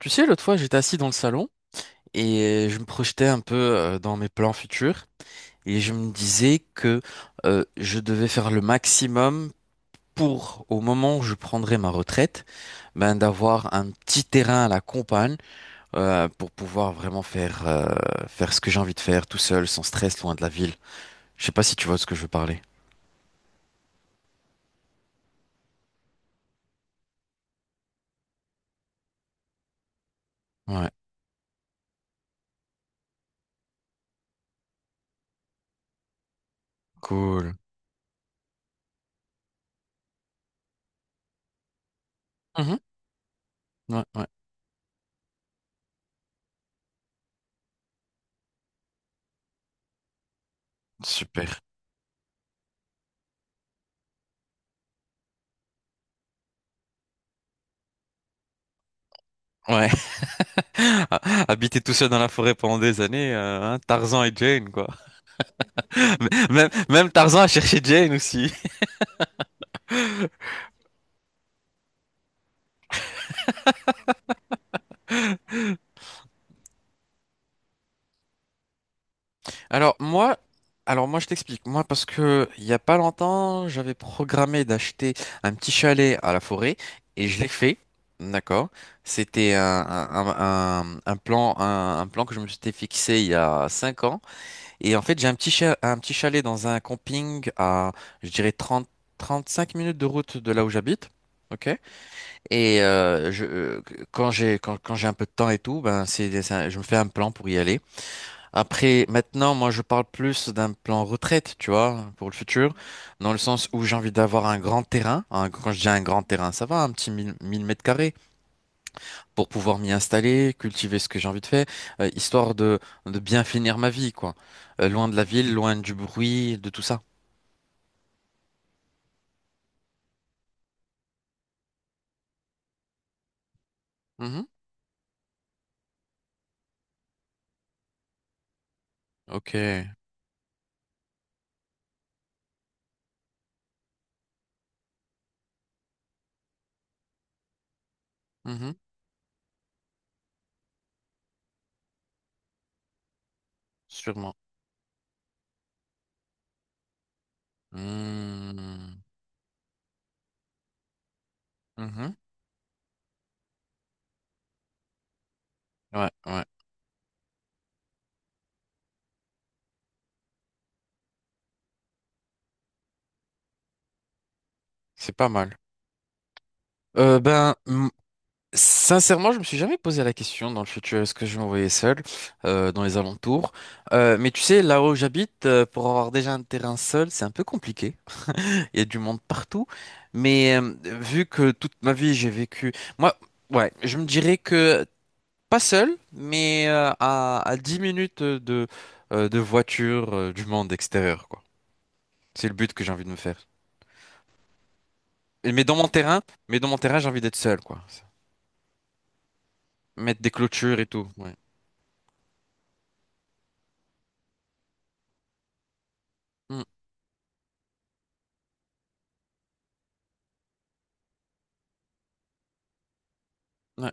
Tu sais, l'autre fois, j'étais assis dans le salon et je me projetais un peu dans mes plans futurs et je me disais que je devais faire le maximum pour, au moment où je prendrai ma retraite, ben, d'avoir un petit terrain à la campagne, pour pouvoir vraiment faire, faire ce que j'ai envie de faire tout seul, sans stress, loin de la ville. Je sais pas si tu vois de ce que je veux parler. Ouais, cool. Mhm. Ouais, ouais, super. Ouais, habiter tout seul dans la forêt pendant des années, hein, Tarzan et Jane, quoi. Même Tarzan a cherché Jane aussi. Alors moi, alors moi, je t'explique. Moi parce que il y a pas longtemps, j'avais programmé d'acheter un petit chalet à la forêt et je l'ai fait. D'accord. C'était un plan un plan que je me suis fixé il y a 5 ans. Et en fait, j'ai un petit un petit chalet dans un camping à, je dirais 35 minutes de route de là où j'habite. Ok. Et quand quand j'ai un peu de temps et tout, ben c'est, je me fais un plan pour y aller. Après, maintenant, moi, je parle plus d'un plan retraite, tu vois, pour le futur, dans le sens où j'ai envie d'avoir un grand terrain. Un- quand je dis un grand terrain, ça va, un petit mille mètres carrés pour pouvoir m'y installer, cultiver ce que j'ai envie de faire, histoire de bien finir ma vie, quoi. Loin de la ville, loin du bruit, de tout ça. Mhm. Ok. Mhm. Sûrement. Mhm. Mhm. Ouais, ouais. C'est pas mal. Euh, ben, m- sincèrement, je me suis jamais posé la question dans le futur, est-ce que je vais m'envoyer seul, dans les alentours? Mais tu sais, là où j'habite, pour avoir déjà un terrain seul, c'est un peu compliqué. Il y a du monde partout. Mais vu que toute ma vie, j'ai vécu... Moi, ouais, je me dirais que pas seul, mais à 10 minutes de voiture, du monde extérieur, quoi. C'est le but que j'ai envie de me faire. Et- Mais dans mon terrain, j'ai envie d'être seul, quoi. Mettre des clôtures et tout. Ouais. Mm. Ouais,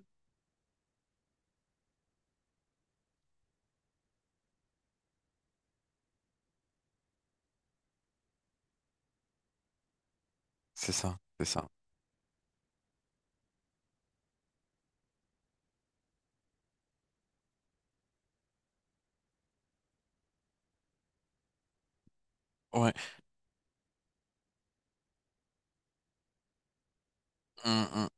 c'est ça. Ouais. Hum, hum.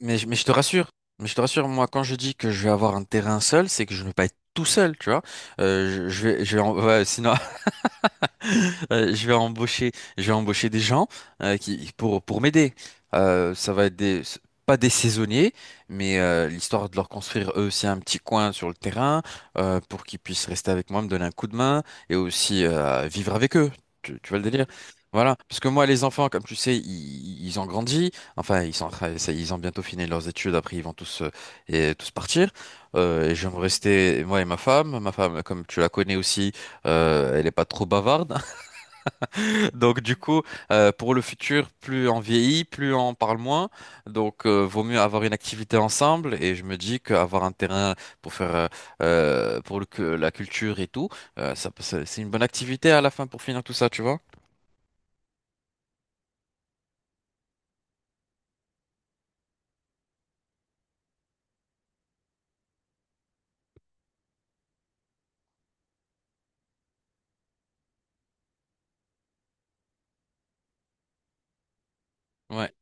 Mais je te rassure, moi, quand je dis que je vais avoir un terrain seul, c'est que je ne vais pas être tout seul, tu vois. Je vais ouais, sinon, Euh, je vais embaucher, je vais embaucher des gens, qui pour m'aider. Ça va être des pas des saisonniers, mais l'histoire de leur construire eux aussi un petit coin sur le terrain, pour qu'ils puissent rester avec moi, me donner un coup de main et aussi vivre avec eux. Tu vois le délire? Voilà, parce que moi, les enfants, comme tu sais, ils ont grandi. Enfin, ils sont, en train- ça- ils ont bientôt fini leurs études. Après, ils vont tous, tous partir. Et je vais me rester moi et ma femme. Ma femme, comme tu la connais aussi, elle est pas trop bavarde. Donc du coup, pour le futur, plus on vieillit, plus on parle moins. Donc vaut mieux avoir une activité ensemble. Et je me dis qu'avoir un terrain pour faire pour le, la culture et tout, c'est une bonne activité à la fin pour finir tout ça, tu vois? Ouais,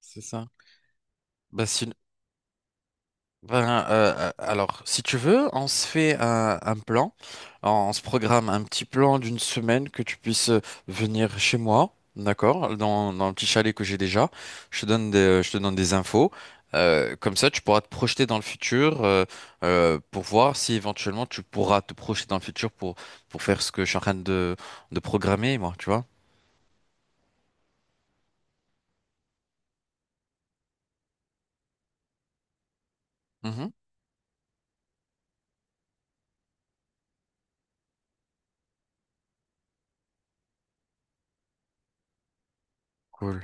c'est ça. Bah, sin- Ben, alors, si tu veux, on se fait un plan, on se programme un petit plan d'une semaine que tu puisses venir chez moi, d'accord, dans le petit chalet que j'ai déjà. Je te donne des infos. Comme ça, tu pourras te projeter dans le futur, pour voir si éventuellement tu pourras te projeter dans le futur pour faire ce que je suis en train de programmer, moi, tu vois. Mhm. Cool.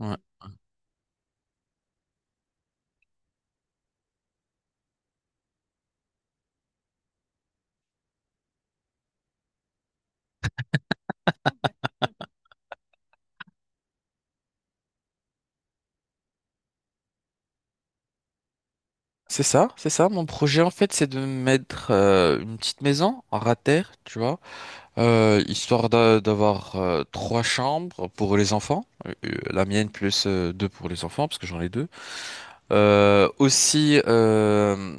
Ouais. C'est ça. Mon projet, en fait, c'est de mettre une petite maison en rater, tu vois. Histoire d'avoir trois chambres pour les enfants, la mienne plus deux pour les enfants parce que j'en ai deux. Euh, aussi, euh,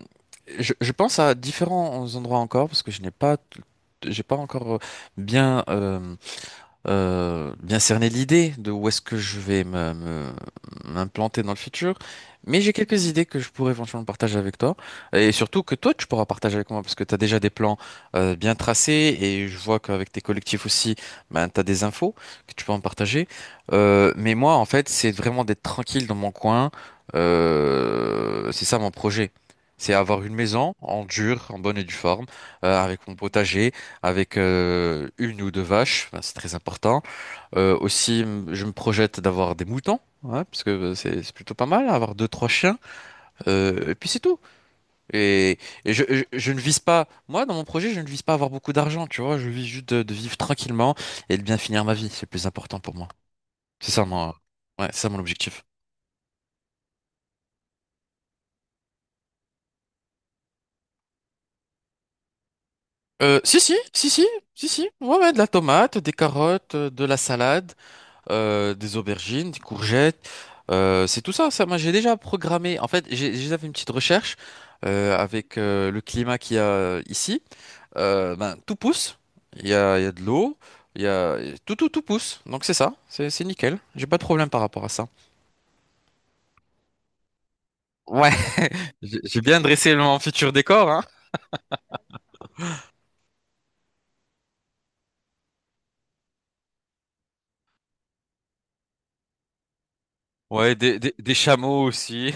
je pense à différents endroits encore parce que je n'ai pas, t- j'ai pas encore bien, bien cerner l'idée de où est-ce que je vais m'implanter dans le futur. Mais j'ai quelques idées que je pourrais éventuellement partager avec toi. Et surtout que toi, tu pourras partager avec moi parce que tu as déjà des plans bien tracés et je vois qu'avec tes collectifs aussi, ben, tu as des infos que tu peux en partager. Mais moi, en fait, c'est vraiment d'être tranquille dans mon coin. C'est ça mon projet. C'est avoir une maison en dur, en bonne et due forme, avec mon potager, avec une ou deux vaches, ben, c'est très important. Je me projette d'avoir des moutons, hein, parce que c'est plutôt pas mal, avoir deux, trois chiens, et puis c'est tout. Et, je ne vise pas, moi, dans mon projet, je ne vise pas avoir beaucoup d'argent, tu vois, je vise juste de vivre tranquillement et de bien finir ma vie, c'est le plus important pour moi. C'est ça mon, ouais, c'est ça mon objectif. Si, si, si, si, si, si, ouais, ouais, de la tomate, des carottes, de la salade, des aubergines, des courgettes. C'est tout ça. Moi, j'ai déjà programmé. En fait, j'ai déjà fait une petite recherche avec le climat qu'il y a ici. Ben, tout pousse. Il y a de l'eau. Il y a tout pousse. Donc c'est ça. C'est nickel. J'ai pas de problème par rapport à ça. Ouais. J'ai bien dressé mon futur décor, hein. Ouais, des chameaux aussi.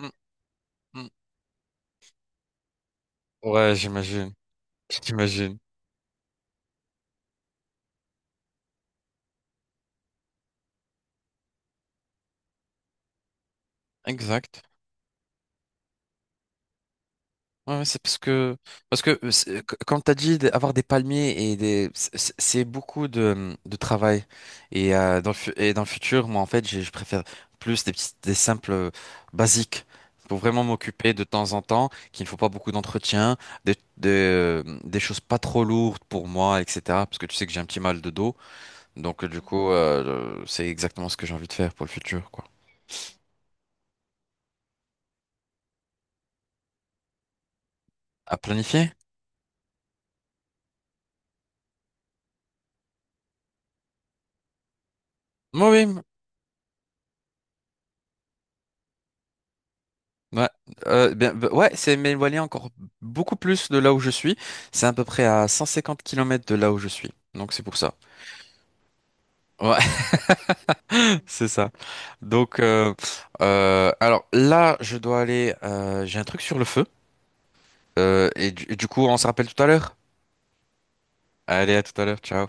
Mm, mm. Ouais, j'imagine. J'imagine. Exact. Ouais, ouais, c'est parce que quand t'as dit avoir des palmiers et des, c'est beaucoup de travail et dans le futur, moi en fait je préfère plus des petits, des simples, basiques pour vraiment m'occuper de temps en temps qu'il ne faut pas beaucoup d'entretien, des choses pas trop lourdes pour moi, etc, parce que tu sais que j'ai un petit mal de dos, donc du coup, c'est exactement ce que j'ai envie de faire pour le futur, quoi. À planifier. Oui, oui. Ouais, bien, bah, ouais, c'est mais éloigné encore beaucoup plus de là où je suis. C'est à peu près à 150 km de là où je suis. Donc c'est pour ça. Ouais, c'est ça. Donc alors là, je dois aller. J'ai un truc sur le feu. Et du coup, on se rappelle tout à l'heure. Allez, à tout à l'heure. Ciao.